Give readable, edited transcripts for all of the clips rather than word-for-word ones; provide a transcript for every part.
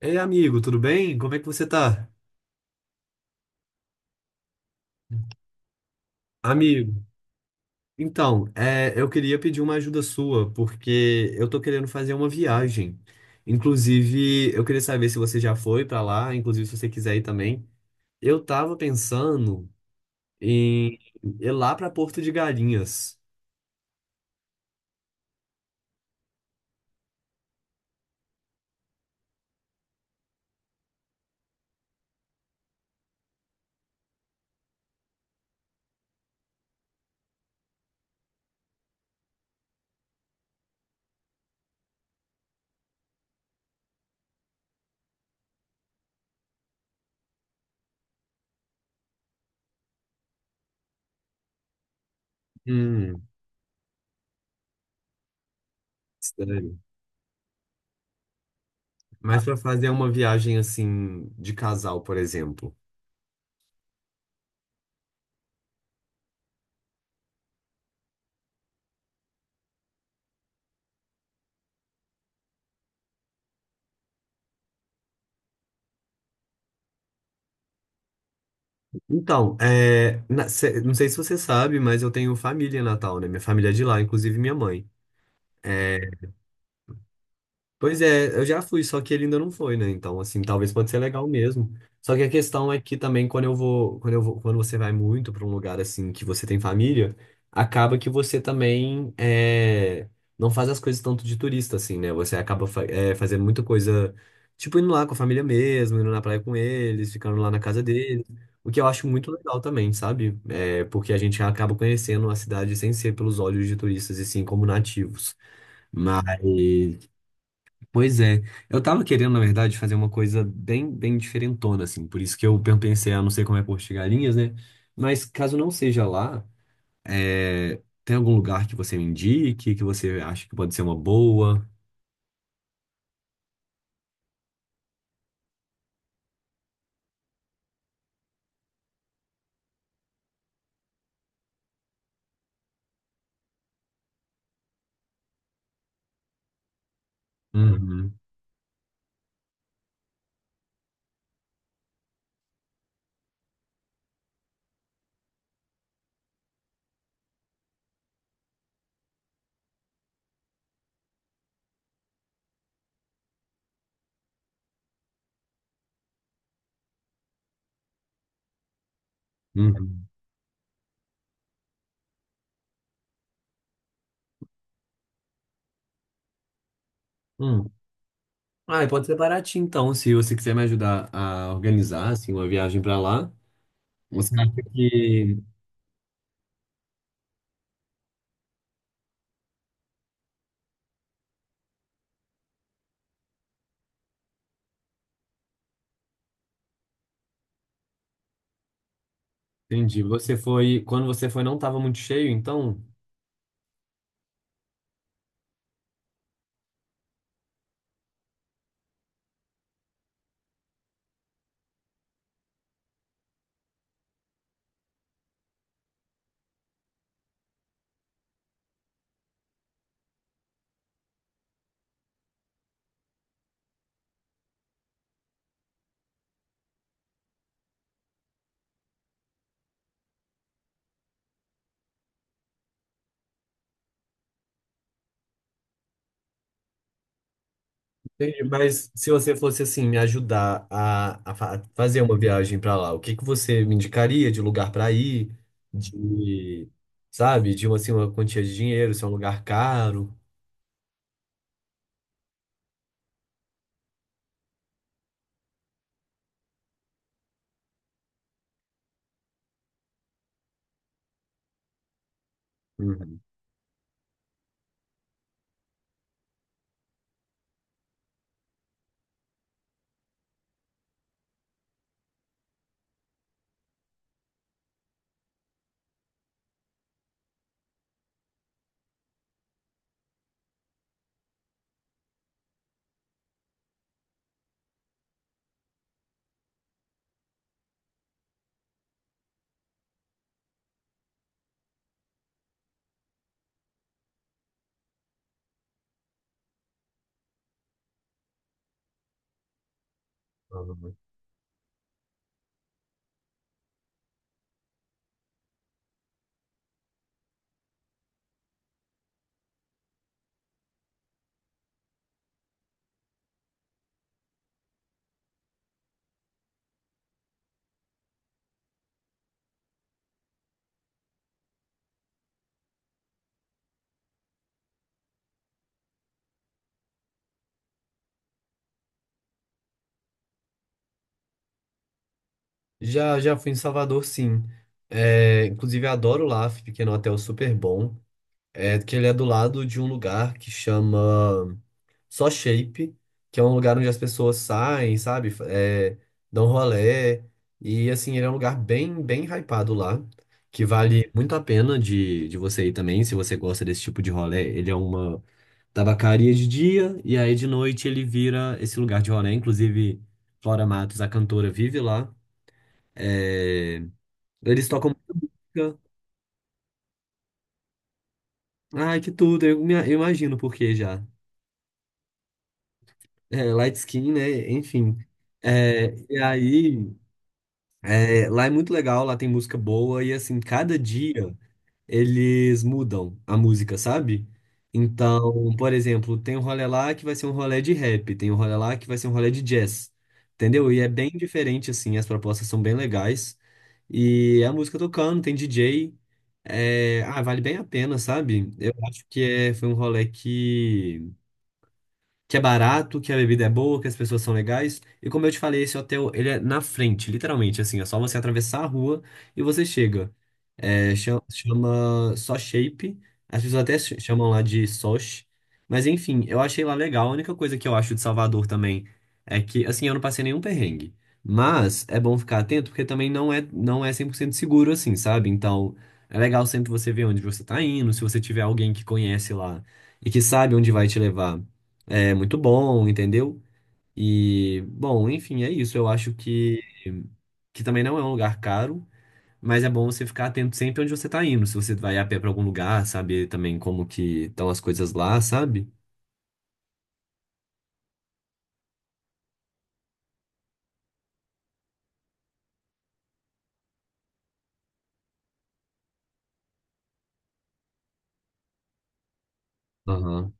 Ei, amigo, tudo bem? Como é que você tá? Amigo, então, eu queria pedir uma ajuda sua, porque eu tô querendo fazer uma viagem. Inclusive, eu queria saber se você já foi pra lá, inclusive se você quiser ir também. Eu tava pensando em ir lá pra Porto de Galinhas. Hum, sério. Mas pra fazer uma viagem assim de casal, por exemplo. Então, não sei se você sabe, mas eu tenho família em Natal, né? Minha família é de lá, inclusive minha mãe. É, Pois é, eu já fui, só que ele ainda não foi, né? Então, assim, talvez pode ser legal mesmo. Só que a questão é que também quando você vai muito para um lugar assim que você tem família, acaba que você também não faz as coisas tanto de turista, assim, né? Você acaba fazendo muita coisa, tipo indo lá com a família mesmo, indo na praia com eles, ficando lá na casa deles, o que eu acho muito legal também, sabe? Porque a gente acaba conhecendo a cidade sem ser pelos olhos de turistas e sim como nativos. Mas Pois é, eu tava querendo, na verdade, fazer uma coisa bem, bem diferentona, assim, por isso que eu pensei, ah, não sei como é Porto de Galinhas, né? Mas caso não seja lá, tem algum lugar que você me indique, que você acha que pode ser uma boa? Uhum, uhum, hum. Ah, e pode ser baratinho, então, se você quiser me ajudar a organizar, assim, uma viagem pra lá. Você acha que... Entendi, Quando você foi não tava muito cheio, então? Entendi, mas se você fosse assim me ajudar a fazer uma viagem pra lá, o que que você me indicaria de lugar pra ir, de, sabe, de uma, assim, uma quantia de dinheiro, se é um lugar caro? Uhum. Já fui em Salvador, sim. Inclusive adoro lá, fiquei num hotel super bom. É que ele é do lado de um lugar que chama só Shape, que é um lugar onde as pessoas saem, sabe? Dão rolê. E assim, ele é um lugar bem, bem hypado lá, que vale muito a pena de você ir também, se você gosta desse tipo de rolê. Ele é uma tabacaria de dia, e aí de noite ele vira esse lugar de rolê. Inclusive, Flora Matos, a cantora, vive lá. É, Eles tocam música. Ai, que tudo, eu imagino por que já. É, light skin, né? Enfim. E aí. Lá é muito legal, lá tem música boa e assim, cada dia eles mudam a música, sabe? Então, por exemplo, tem um rolê lá que vai ser um rolê de rap, tem um rolê lá que vai ser um rolê de jazz, entendeu? E é bem diferente, assim, as propostas são bem legais. E é a música tocando, tem DJ. Vale bem a pena, sabe? Eu acho que foi um rolê que é barato, que a bebida é boa, que as pessoas são legais. E como eu te falei, esse hotel, ele é na frente, literalmente, assim, é só você atravessar a rua e você chega. Chama só Shape. As pessoas até chamam lá de Sosh. Mas enfim, eu achei lá legal. A única coisa que eu acho de Salvador também é que, assim, eu não passei nenhum perrengue. Mas é bom ficar atento porque também não é 100% seguro assim, sabe? Então, é legal sempre você ver onde você tá indo. Se você tiver alguém que conhece lá e que sabe onde vai te levar, é muito bom, entendeu? E, bom, enfim, é isso. Eu acho que também não é um lugar caro. Mas é bom você ficar atento sempre onde você tá indo. Se você vai a pé pra algum lugar, saber também como que estão as coisas lá, sabe? Aham.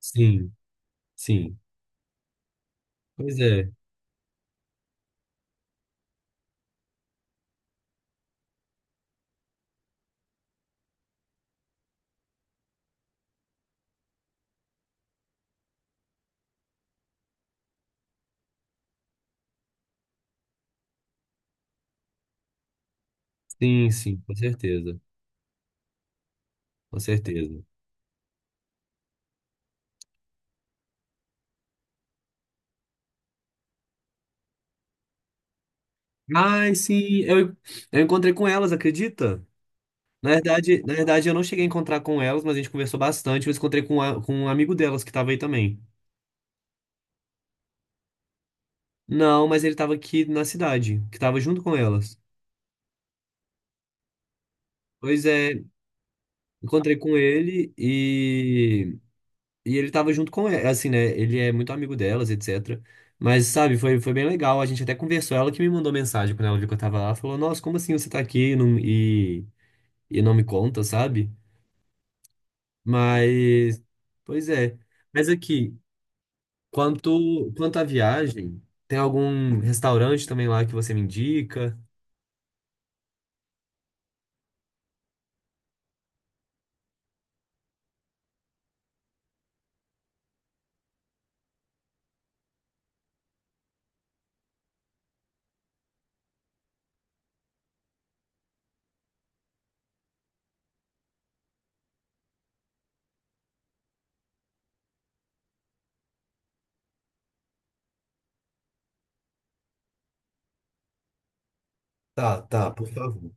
Sim, sim. Pois é. Sim, sim, com certeza. Com certeza. Ai, sim, eu encontrei com elas, acredita? Na verdade, eu não cheguei a encontrar com elas, mas a gente conversou bastante. Eu encontrei com um amigo delas que tava aí também. Não, mas ele tava aqui na cidade, que tava junto com elas. Pois é, encontrei com ele e ele tava junto com ela, assim, né? Ele é muito amigo delas, etc. Mas, sabe, foi bem legal. A gente até conversou. Ela que me mandou mensagem quando ela viu que eu tava lá. Falou, nossa, como assim você tá aqui e não, não me conta, sabe? Mas, pois é. Mas aqui, quanto à viagem, tem algum restaurante também lá que você me indica? Tá, tá, por favor.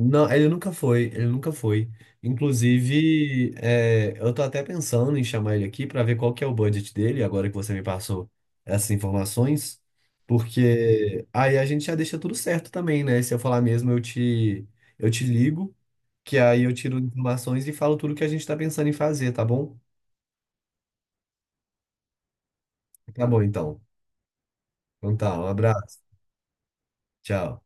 Não, ele nunca foi, ele nunca foi. Inclusive, eu tô até pensando em chamar ele aqui para ver qual que é o budget dele, agora que você me passou essas informações, porque aí a gente já deixa tudo certo também, né? Se eu falar mesmo, eu te ligo, que aí eu tiro informações e falo tudo que a gente tá pensando em fazer, tá bom? Tá bom, então. Então tá, um abraço. Tchau.